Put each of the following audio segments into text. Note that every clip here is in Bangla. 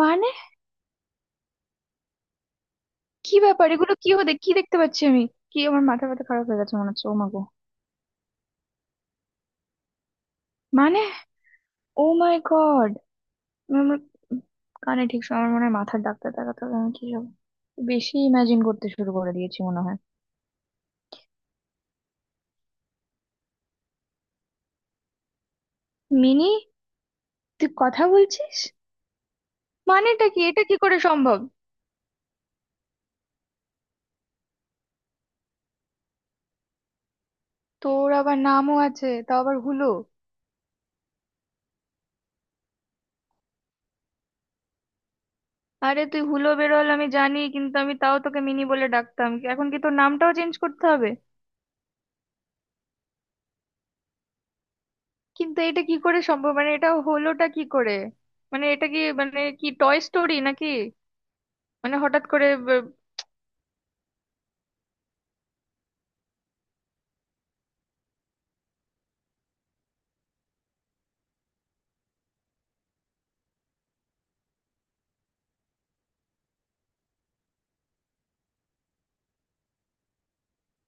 মানে কি ব্যাপার? এগুলো কি হতে, কি দেখতে পাচ্ছি আমি? কি আমার মাথা ব্যথা খারাপ হয়ে গেছে মনে হচ্ছে? ও মা গো! মানে ও মাই গড! আমার কানে ঠিক সময়, আমার মনে হয় মাথার ডাক্তার দেখাতে হবে। আমি কি সব বেশি ইমাজিন করতে শুরু করে দিয়েছি মনে হয়? মিনি, তুই কথা বলছিস? মানেটা কি, এটা কি করে সম্ভব? তোর আবার নামও আছে, তাও আবার হুলো? আরে তুই হুলো বেরোল আমি জানি, কিন্তু আমি তাও তোকে মিনি বলে ডাকতাম, এখন কি তোর নামটাও চেঞ্জ করতে হবে? কিন্তু এটা কি করে সম্ভব? মানে এটা হলোটা কি করে? মানে এটা কি, মানে কি টয় স্টোরি নাকি? মানে হঠাৎ করে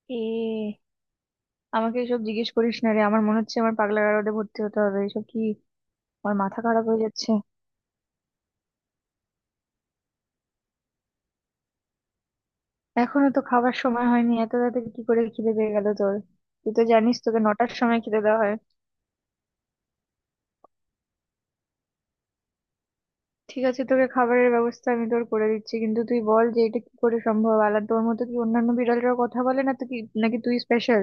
এ, আমাকে এসব জিজ্ঞেস করিস না রে, আমার মনে হচ্ছে আমার পাগলা গারদে ভর্তি হতে হবে। এসব কি, আমার মাথা খারাপ হয়ে যাচ্ছে। এখনো তো খাবার সময় হয়নি, এত তাড়াতাড়ি কি করে খিদে পেয়ে গেল তোর? তুই তো জানিস তোকে নটার সময় খিদে দেওয়া হয়। ঠিক আছে, তোকে খাবারের ব্যবস্থা আমি তোর করে দিচ্ছি, কিন্তু তুই বল যে এটা কি করে সম্ভব? আলাদা তোর মতো কি অন্যান্য বিড়ালরা কথা বলে না তো কি? নাকি তুই স্পেশাল?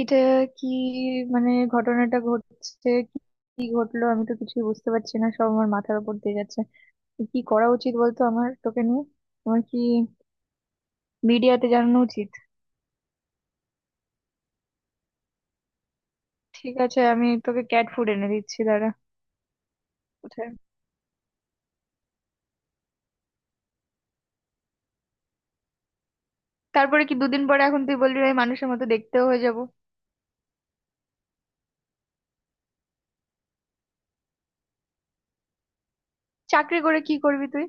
এটা কি, মানে ঘটনাটা ঘটছে কি? কি ঘটলো আমি তো কিছুই বুঝতে পারছি না, সব আমার মাথার উপর দিয়ে যাচ্ছে। কি করা উচিত বলতো আমার তোকে নিয়ে? আমার কি মিডিয়াতে জানানো উচিত? ঠিক আছে, আমি তোকে ক্যাট ফুড এনে দিচ্ছি, দাঁড়া। কোথায়? তারপরে কি দুদিন পরে এখন তুই বলবি আমি মানুষের মতো দেখতেও হয়ে যাব? চাকরি করে কি করবি তুই?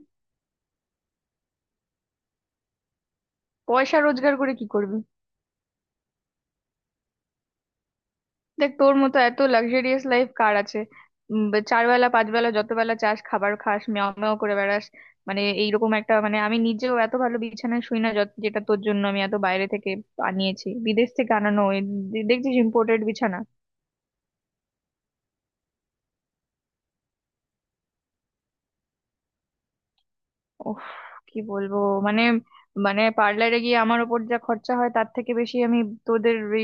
পয়সা রোজগার করে কি করবি? দেখ, তোর মতো এত লাক্সারিয়াস লাইফ কার আছে? চার বেলা, পাঁচ বেলা, যত বেলা চাস খাবার খাস, মেও মেও করে বেড়াস। মানে এইরকম একটা, মানে আমি নিজেও এত ভালো বিছানায় শুই না যেটা তোর জন্য আমি এত বাইরে থেকে আনিয়েছি, বিদেশ থেকে আনানো এই দেখছিস ইম্পোর্টেড বিছানা। উফ, কি বলবো! মানে, মানে পার্লারে গিয়ে আমার ওপর যা খরচা হয় তার থেকে বেশি আমি তোদের ওই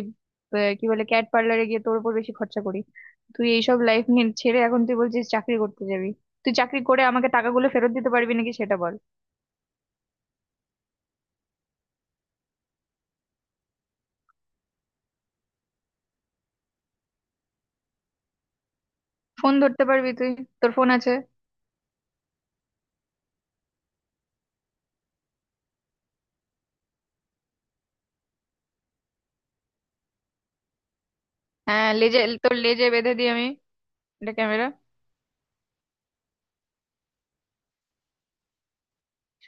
কি বলে, ক্যাট পার্লারে গিয়ে তোর উপর বেশি খরচা করি। তুই এইসব লাইফ নিয়ে ছেড়ে এখন তুই বলছিস চাকরি করতে যাবি? তুই চাকরি করে আমাকে টাকাগুলো ফেরত দিতে পারবি নাকি সেটা বল। ফোন ধরতে পারবি তুই? তোর ফোন আছে? হ্যাঁ, লেজে, তোর লেজে বেঁধে দিই আমি, এটা ক্যামেরা।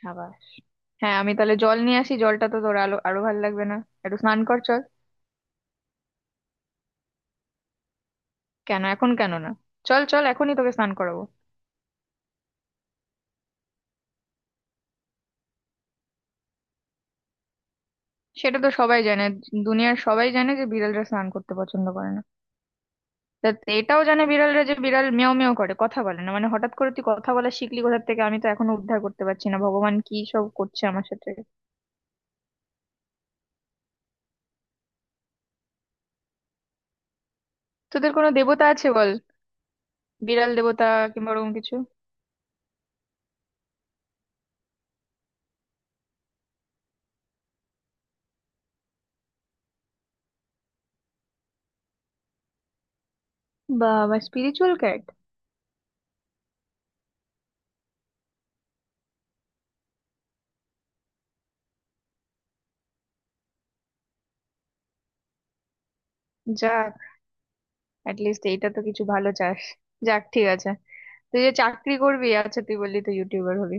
সাবাস! হ্যাঁ, আমি তাহলে জল নিয়ে আসি, জলটা তো তোর আলো আরো ভালো লাগবে না, একটু স্নান কর চল। কেন এখন কেন না? চল চল, এখনই তোকে স্নান করাবো। সেটা তো সবাই জানে, দুনিয়ার সবাই জানে যে বিড়ালরা স্নান করতে পছন্দ করে না। তা এটাও জানে বিড়ালরা যে বিড়াল মেও মেও করে, কথা বলে না। মানে হঠাৎ করে তুই কথা বলা শিখলি কোথা থেকে? আমি তো এখনো উদ্ধার করতে পারছি না, ভগবান কি সব করছে আমার সাথে। তোদের কোনো দেবতা আছে বল, বিড়াল দেবতা কিংবা ওরকম কিছু? বাবা, স্পিরিচুয়াল ক্যাট! যাক, লিস্ট এইটা তো কিছু ভালো চাস, যাক ঠিক আছে। তুই যে চাকরি করবি, আচ্ছা তুই বললি তুই ইউটিউবার হবি,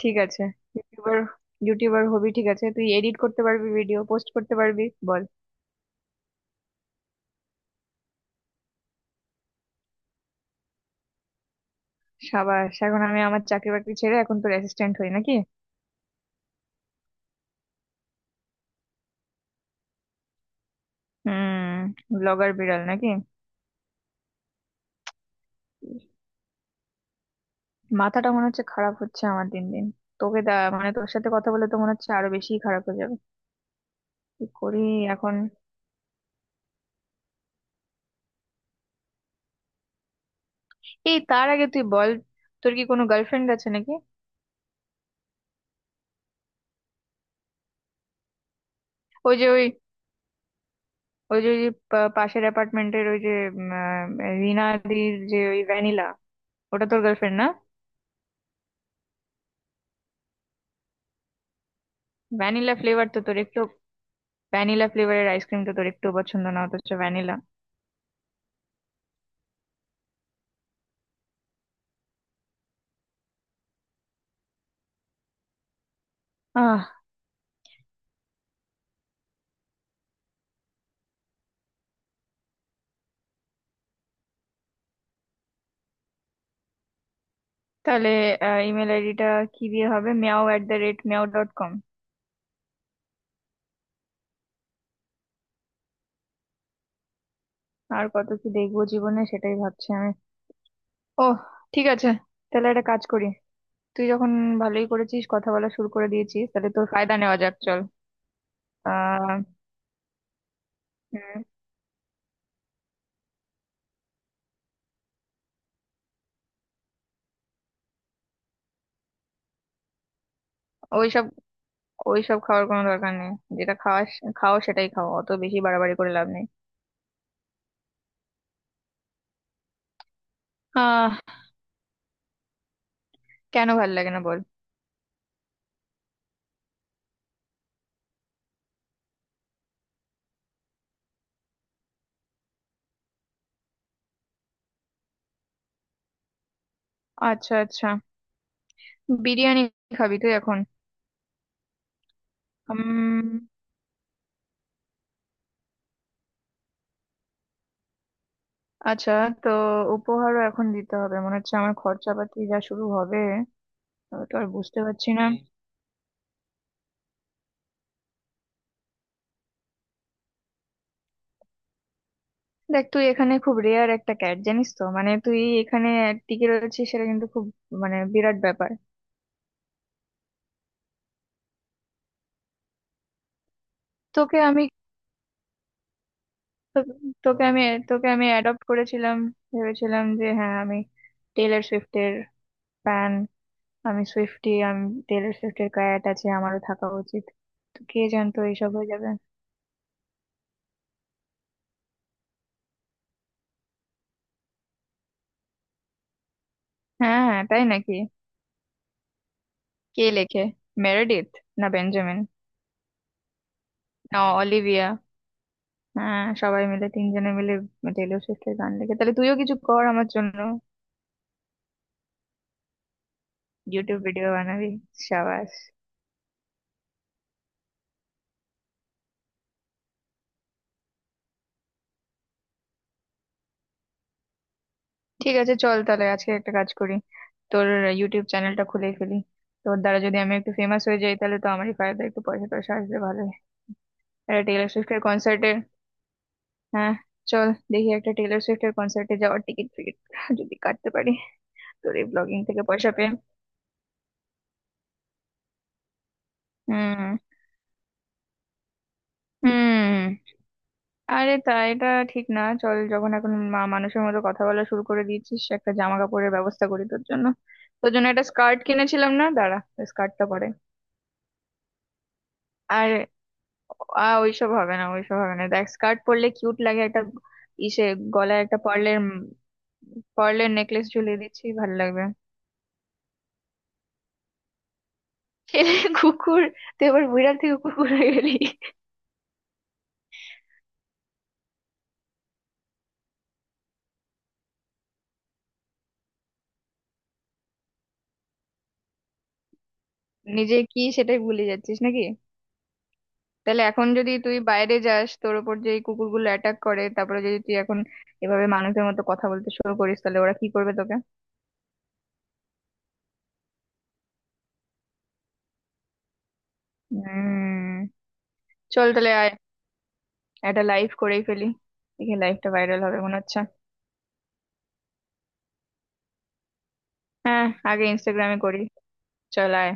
ঠিক আছে, ইউটিউবার। ইউটিউবার হবি ঠিক আছে, তুই এডিট করতে পারবি, ভিডিও পোস্ট করতে পারবি? বল। সাবাস! এখন আমি আমার চাকরি বাকরি ছেড়ে এখন তোর অ্যাসিস্ট্যান্ট হই নাকি? হুম, ব্লগার বিড়াল নাকি? মাথাটা মনে হচ্ছে খারাপ হচ্ছে আমার দিন দিন। তোকে দা মানে তোর সাথে কথা বলে তো মনে হচ্ছে আরো বেশি খারাপ হয়ে যাবে। কি করি এখন? এই, তার আগে তুই বল, তোর কি কোনো গার্লফ্রেন্ড আছে নাকি? ওই যে ওই ওই যে পাশের অ্যাপার্টমেন্টের ওই যে উম, আহ, রিনাদির যে ওই ভ্যানিলা, ওটা তোর গার্লফ্রেন্ড না? ভ্যানিলা ফ্লেভার তো তোর একটু, ভ্যানিলা ফ্লেভারের আইসক্রিম তো তোর একটু পছন্দ, না? অথচ ভ্যানিলা। তাহলে ইমেল আইডিটা কি দিয়ে হবে? Meow at the rate meow dot com? আর কত কি দেখবো জীবনে সেটাই ভাবছি আমি। ও ঠিক আছে, তাহলে একটা কাজ করি। তুই যখন ভালোই করেছিস, কথা বলা শুরু করে দিয়েছিস, তাহলে তোর ফায়দা নেওয়া যাক চল। আহ হম ওইসব, ওইসব খাওয়ার কোনো দরকার নেই। যেটা খাওয়াস, খাও সেটাই খাও, অত বেশি বাড়াবাড়ি করে লাভ নেই। আহ কেন ভাল লাগে না বল? আচ্ছা আচ্ছা, বিরিয়ানি খাবি তুই এখন? আচ্ছা, তো উপহারও এখন দিতে হবে মনে হচ্ছে, আমার খরচাপাতি যা শুরু হবে! আমি তো আর বুঝতে পারছি না, হুম। দেখ, তুই এখানে খুব রেয়ার একটা ক্যাট জানিস তো, মানে তুই এখানে টিকে রয়েছিস সেটা কিন্তু খুব, মানে বিরাট ব্যাপার। তোকে আমি তো- তোকে আমি তোকে আমি অ্যাডপ্ট করেছিলাম, ভেবেছিলাম যে হ্যাঁ আমি টেলর সুইফটের ফ্যান, আমি সুইফটি, আমি, টেলর সুইফটের ক্যাট আছে, আমারও থাকা উচিত। তো কে জানতো এইসব হয়ে যাবে? হ্যাঁ হ্যাঁ তাই নাকি? কে লেখে, মেরেডিথ না বেঞ্জামিন? ও অলিভিয়া, হ্যাঁ সবাই মিলে, তিনজনে মিলে টেলর সুইফটের গান দেখে, তাহলে তুইও কিছু কর আমার জন্য। ইউটিউব ভিডিও বানাবি? সাবাস! ঠিক আছে চল, তাহলে আজকে একটা কাজ করি, তোর ইউটিউব চ্যানেলটা খুলে ফেলি। তোর দ্বারা যদি আমি একটু ফেমাস হয়ে যাই, তাহলে তো আমারই ফায়দা, একটু পয়সা টয়সা আসবে ভালোই। একটা টেলর সুইফটের কনসার্টে, হ্যাঁ, চল দেখি একটা টেলর সুইফটের কনসার্টে যাওয়ার টিকিট ফিকিট যদি কাটতে পারি তোর এই ব্লগিং থেকে পয়সা পেয়ে। হুম, হুম। আরে তা এটা ঠিক না, চল যখন এখন মানুষের মতো কথা বলা শুরু করে দিয়েছিস, একটা জামা কাপড়ের ব্যবস্থা করি তোর জন্য। তোর জন্য একটা স্কার্ট কিনেছিলাম না, দাঁড়া। স্কার্টটা পরে আর, আ, ওইসব হবে না, ওইসব হবে না, দেখ স্কার্ট পরলে কিউট লাগে, একটা ইসে গলায় একটা পার্লের, পার্লের নেকলেস ঝুলিয়ে দিচ্ছি, ভালো লাগবে। ছেলে কুকুর? তুই এবার বিড়াল থেকে কুকুর হয়ে গেলি? নিজে কি সেটাই ভুলে যাচ্ছিস নাকি? তাহলে এখন যদি তুই বাইরে যাস, তোর উপর যে এই কুকুরগুলো অ্যাটাক করে, তারপরে যদি তুই এখন এভাবে মানুষের মতো কথা বলতে শুরু করিস, তাহলে ওরা কি করবে তোকে? হম, চল তাহলে আয়, একটা লাইভ করেই ফেলি, দেখি লাইভটা ভাইরাল হবে মনে হচ্ছে। হ্যাঁ, আগে ইনস্টাগ্রামে করি, চল আয়।